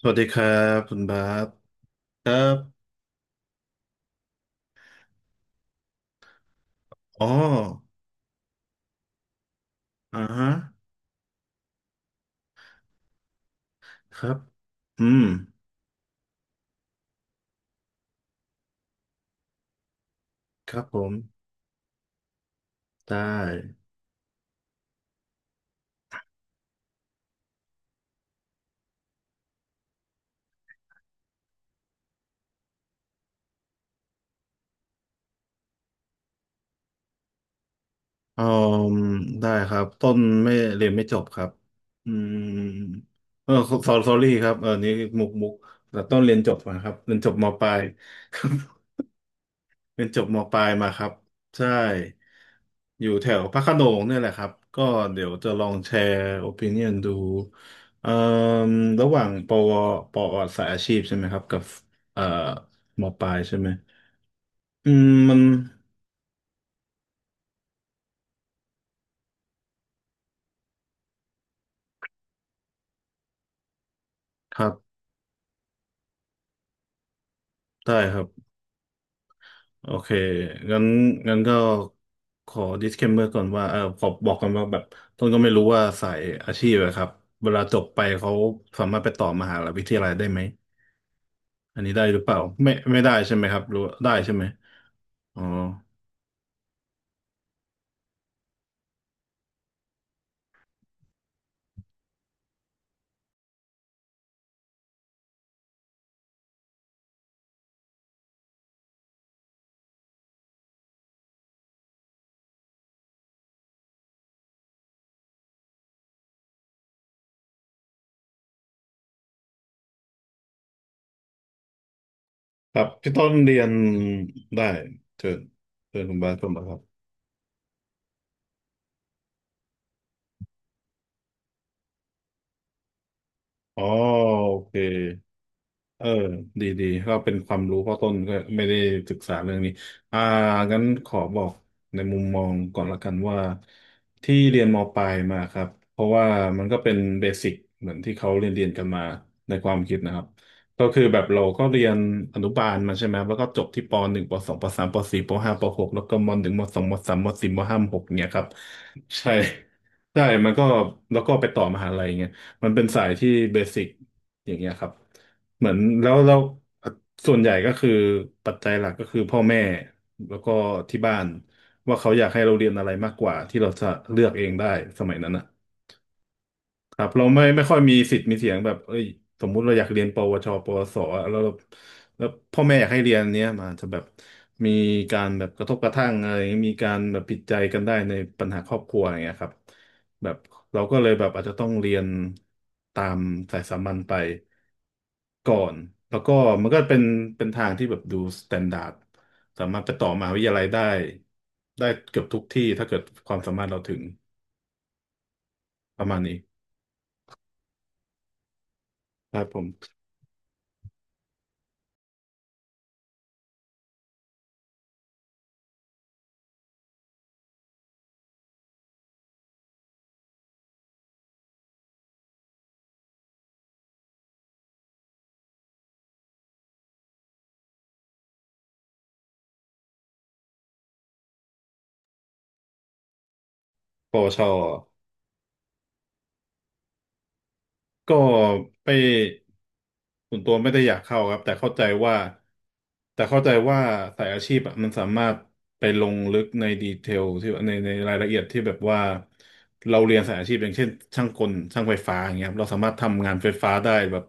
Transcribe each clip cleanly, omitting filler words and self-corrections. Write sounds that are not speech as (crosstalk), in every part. สวัสดีครับคุณบาสครับอ๋ออ่าฮะครับอืมครับผมได้อืมได้ครับต้นไม่เรียนไม่จบครับอืมเออสอรี่ครับเออนี่มุกแต่ต้นเรียนจบนะครับเรียนจบมปลาย เรียนจบมปลายมาครับใช่อยู่แถวพระโขนงเนี่ยแหละครับก็เดี๋ยวจะลองแชร์โอปิเนียนดูเอ่อระหว่างปวปอสายอาชีพใช่ไหมครับกับเอ่อมปลายใช่ไหมอืมมันครับได้ครับโอเคงั้นงั้นก็ขอ disclaimer ก่อนว่าเออขอบอกกันว่าแบบต้นก็ไม่รู้ว่าสายอาชีพอะครับเวลาจบไปเขาสามารถไปต่อมหาวิทยาลัยได้ไหม อันนี้ได้หรือเปล่าไม่ได้ใช่ไหมครับหรือว่าได้ใช่ไหมอ๋อครับพี่ต้นเรียนได้เชิญเชิญคุณบาสเข้ามาครับอ๋อโอเค เออดีดีก็เป็นความรู้เพราะต้นก็ไม่ได้ศึกษาเรื่องนี้อ่างั้นขอบอกในมุมมองก่อนละกันว่าที่เรียนมปลายมาครับเพราะว่ามันก็เป็นเบสิกเหมือนที่เขาเรียนกันมาในความคิดนะครับก็คือแบบเราก็เรียนอนุบาลมาใช่ไหมแล้วก็จบที่ปหนึ่งปสองปสามปสี่ปห้าปหกแล้วก็มหนึ่งมสองมสามมสี่มห้ามหกเนี่ยครับใช่ใช่มันก็แล้วก็ไปต่อมหาลัยเงี้ยมันเป็นสายที่เบสิกอย่างเงี้ยครับ เหมือนแล้วส่วนใหญ่ก็คือปัจจัยหลักก็คือพ่อแม่แล้วก็ที่บ้านว่าเขาอยากให้เราเรียนอะไรมากกว่าที่เราจะเลือกเองได้สมัยนั้นนะครับเราไม่ค่อยมีสิทธิ์มีเสียงแบบเอ้ยสมมุติเราอยากเรียนปวชปวสอะแล้วเราแล้วพ่อแม่อยากให้เรียนเนี้ยมันจะแบบมีการแบบกระทบกระทั่งอะไรมีการแบบผิดใจกันได้ในปัญหาครอบครัวอย่างเงี้ยครับแบบเราก็เลยแบบอาจจะต้องเรียนตามสายสามัญไป ก่อนแล้วก็มันก็เป็นทางที่แบบดูสแตนดาร์ดสามารถไปต่อมหาวิทยาลัยได้ได้เกือบทุกที่ถ้าเกิดความสามารถเราถึงประมาณนี้ครับผมปวช ก็ไปส่วนตัวไม่ได้อยากเข้าครับแต่เข้าใจว่าแต่เข้าใจว่าสายอาชีพอะมันสามารถไปลงลึกในดีเทลที่ในรายละเอียดที่แบบว่าเราเรียนสายอาชีพอย่างเช่นช่างกลช่างไฟฟ้าอย่างเงี้ยครับเราสามารถทำงานไฟฟ้าได้แบบ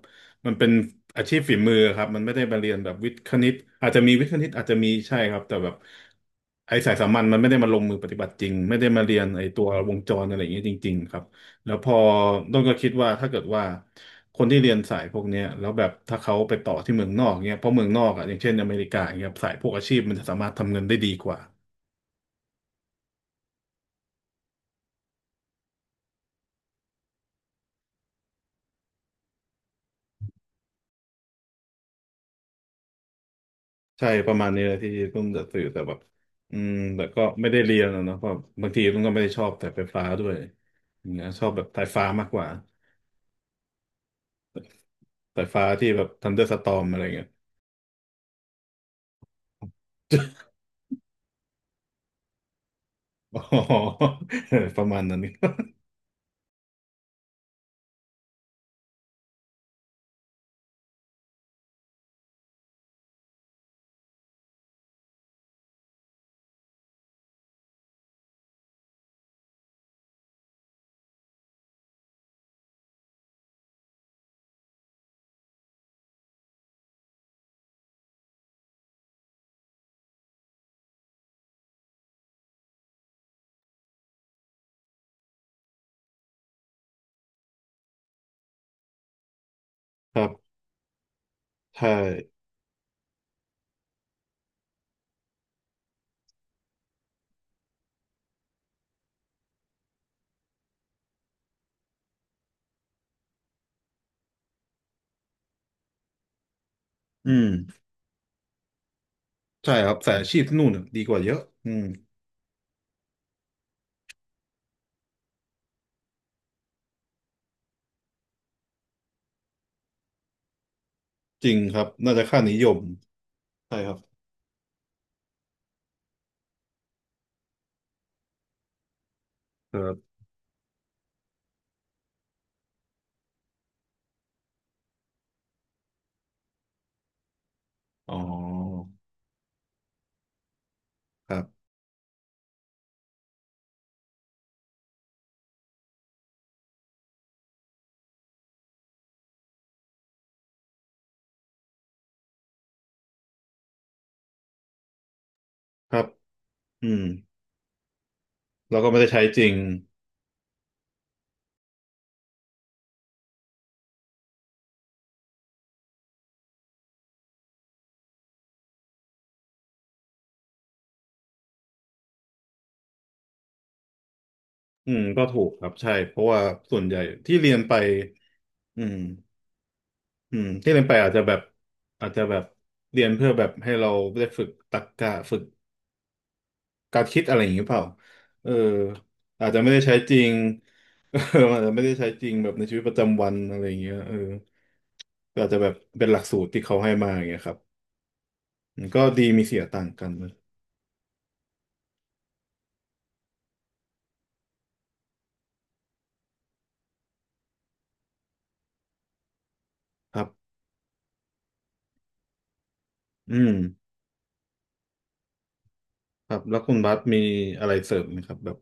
มันเป็นอาชีพฝีมือครับมันไม่ได้มาเรียนแบบวิทย์คณิตอาจจะมีวิทย์คณิตอาจจะมีใช่ครับแต่แบบไอ้สายสามัญมันไม่ได้มาลงมือปฏิบัติจริงไม่ได้มาเรียนไอ้ตัววงจรอะไรอย่างเงี้ยจริงๆครับ แล้วพอต้นก็คิดว่าถ้าเกิดว่าคนที่เรียนสายพวกเนี้ยแล้วแบบถ้าเขาไปต่อที่เมืองนอกเนี้ยเพราะเมืองนอกอ่ะอย่างเช่นอเมริกาเงี้ยสายพวกอาชีพมันจะสามารถทำเงินได้ดีกว่าใช่ประมาณนี้เลยที่ต้นจะสื่อแต่แบบอืมแต่ก็ไม่ได้เรียนอะเนาะเพราะบางทีต้นก็ไม่ได้ชอบแต่ไฟฟ้าด้วยอย่างเงี้ยชอบแบบสายฟ้ามากกว่าสายฟ้าที่แบบทันเดอร์สตอมอะไรเงี้ย (laughs) อ๋อ (laughs) ประมาณนั้น (laughs) ครับใช่อืมใช่ครับสายอาชีพที่นู่นน่ะดีกว่าเยอะอืมจริงครับน่าจะค่านิยม ใช่ครับครับอ๋อครับครับอืมแล้วก็ไม่ได้ใช้จริงอืมก็ถูกครับใช่เพราะว่าส่วนใหญ่ที่เรียนไปอืมอืมที่เรียนไปอาจจะแบบอาจจะแบบเรียนเพื่อแบบให้เราได้ฝึกตรรกะฝึกการคิดอะไรอย่างนี้เปล่าเอออาจจะไม่ได้ใช้จริง (laughs) เอออาจจะไม่ได้ใช้จริงแบบในชีวิตประจำวันอะไรอย่างเงี้ยเออก็อาจจะแบบเป็นหลักสูตรที่เขาให้มาอย่างเงี้ยครับอืมก็ดีมีเสียต่างกันนะครับอืม ครับแล้วคุณบัสมีอะไรเสริมไหมครับแบบ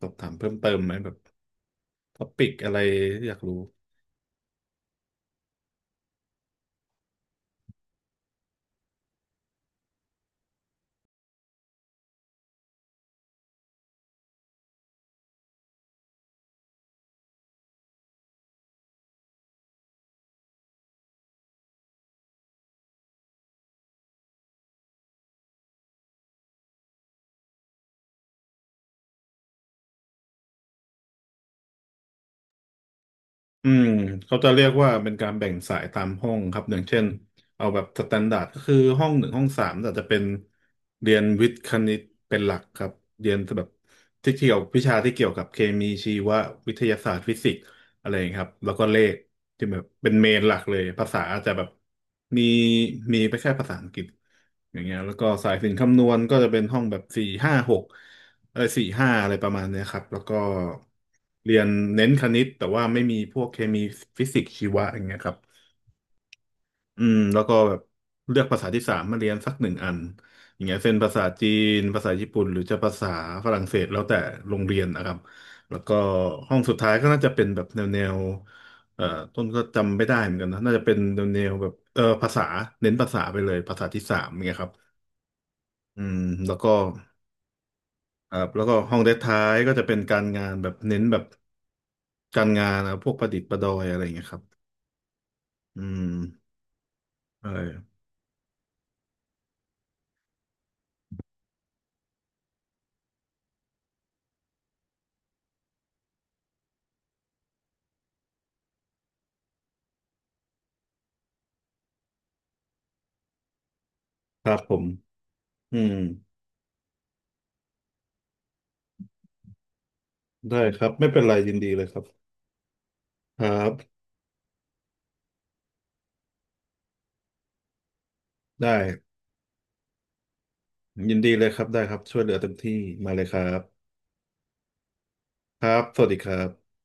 สอบถามเพิ่มเติมไหมแบบท็อปิกอะไรที่อยากรู้ อืมเขาจะเรียกว่าเป็นการแบ่งสายตามห้องครับอย่างเช่นเอาแบบสแตนดาร์ดก็คือห้องหนึ่งห้องสามแต่จะเป็นเรียนวิทย์คณิตเป็นหลักครับเรียนแบบที่เกี่ยววิชาที่เกี่ยวกับเคมีชีววิทยาศาสตร์ฟิสิกส์อะไรอย่างเงี้ยครับแล้วก็เลขที่แบบเป็นเมนหลักเลยภาษาอาจจะแบบมีมีไปแค่ภาษาอังกฤษอย่างเงี้ยแล้วก็สายสิลคำนวณก็จะเป็นห้องแบบสี่ห้าหก เออสี่ห้าอะไรประมาณเนี้ยครับ แล้วก็เรียนเน้นคณิตแต่ว่าไม่มีพวกเคมีฟิสิกส์ชีวะอย่างเงี้ยครับอืมแล้วก็แบบเลือกภาษาที่สามมาเรียนสักหนึ่งอันอย่างเงี้ยเช่นภาษาจีนภาษาญี่ปุ่นหรือจะภาษาฝรั่งเศสแล้วแต่โรงเรียนนะครับ แล้วก็ห้องสุดท้ายก็น่าจะเป็นแบบแนวเอ่อต้นก็จำไม่ได้เหมือนกันนะน่าจะเป็นแนวแบบเออภาษาเน้นภาษาไปเลยภาษาที่สามอย่างเงี้ยครับอืมแล้วก็ครับแล้วก็ห้องเดดท้ายก็จะเป็นการงานแบบเน้นแบบ การงานนะพวกประดิษฐ์ประดอยอะไรอย่างเงี้ยครับอืมใช่ครับผมอืมได้ครับไม่เป็นไรยินดีเลยครับครับ ได้ยินดีเลยครับได้ครับช่วยเหลือเต็มที่มาเลยครับครับสวัสดีครับ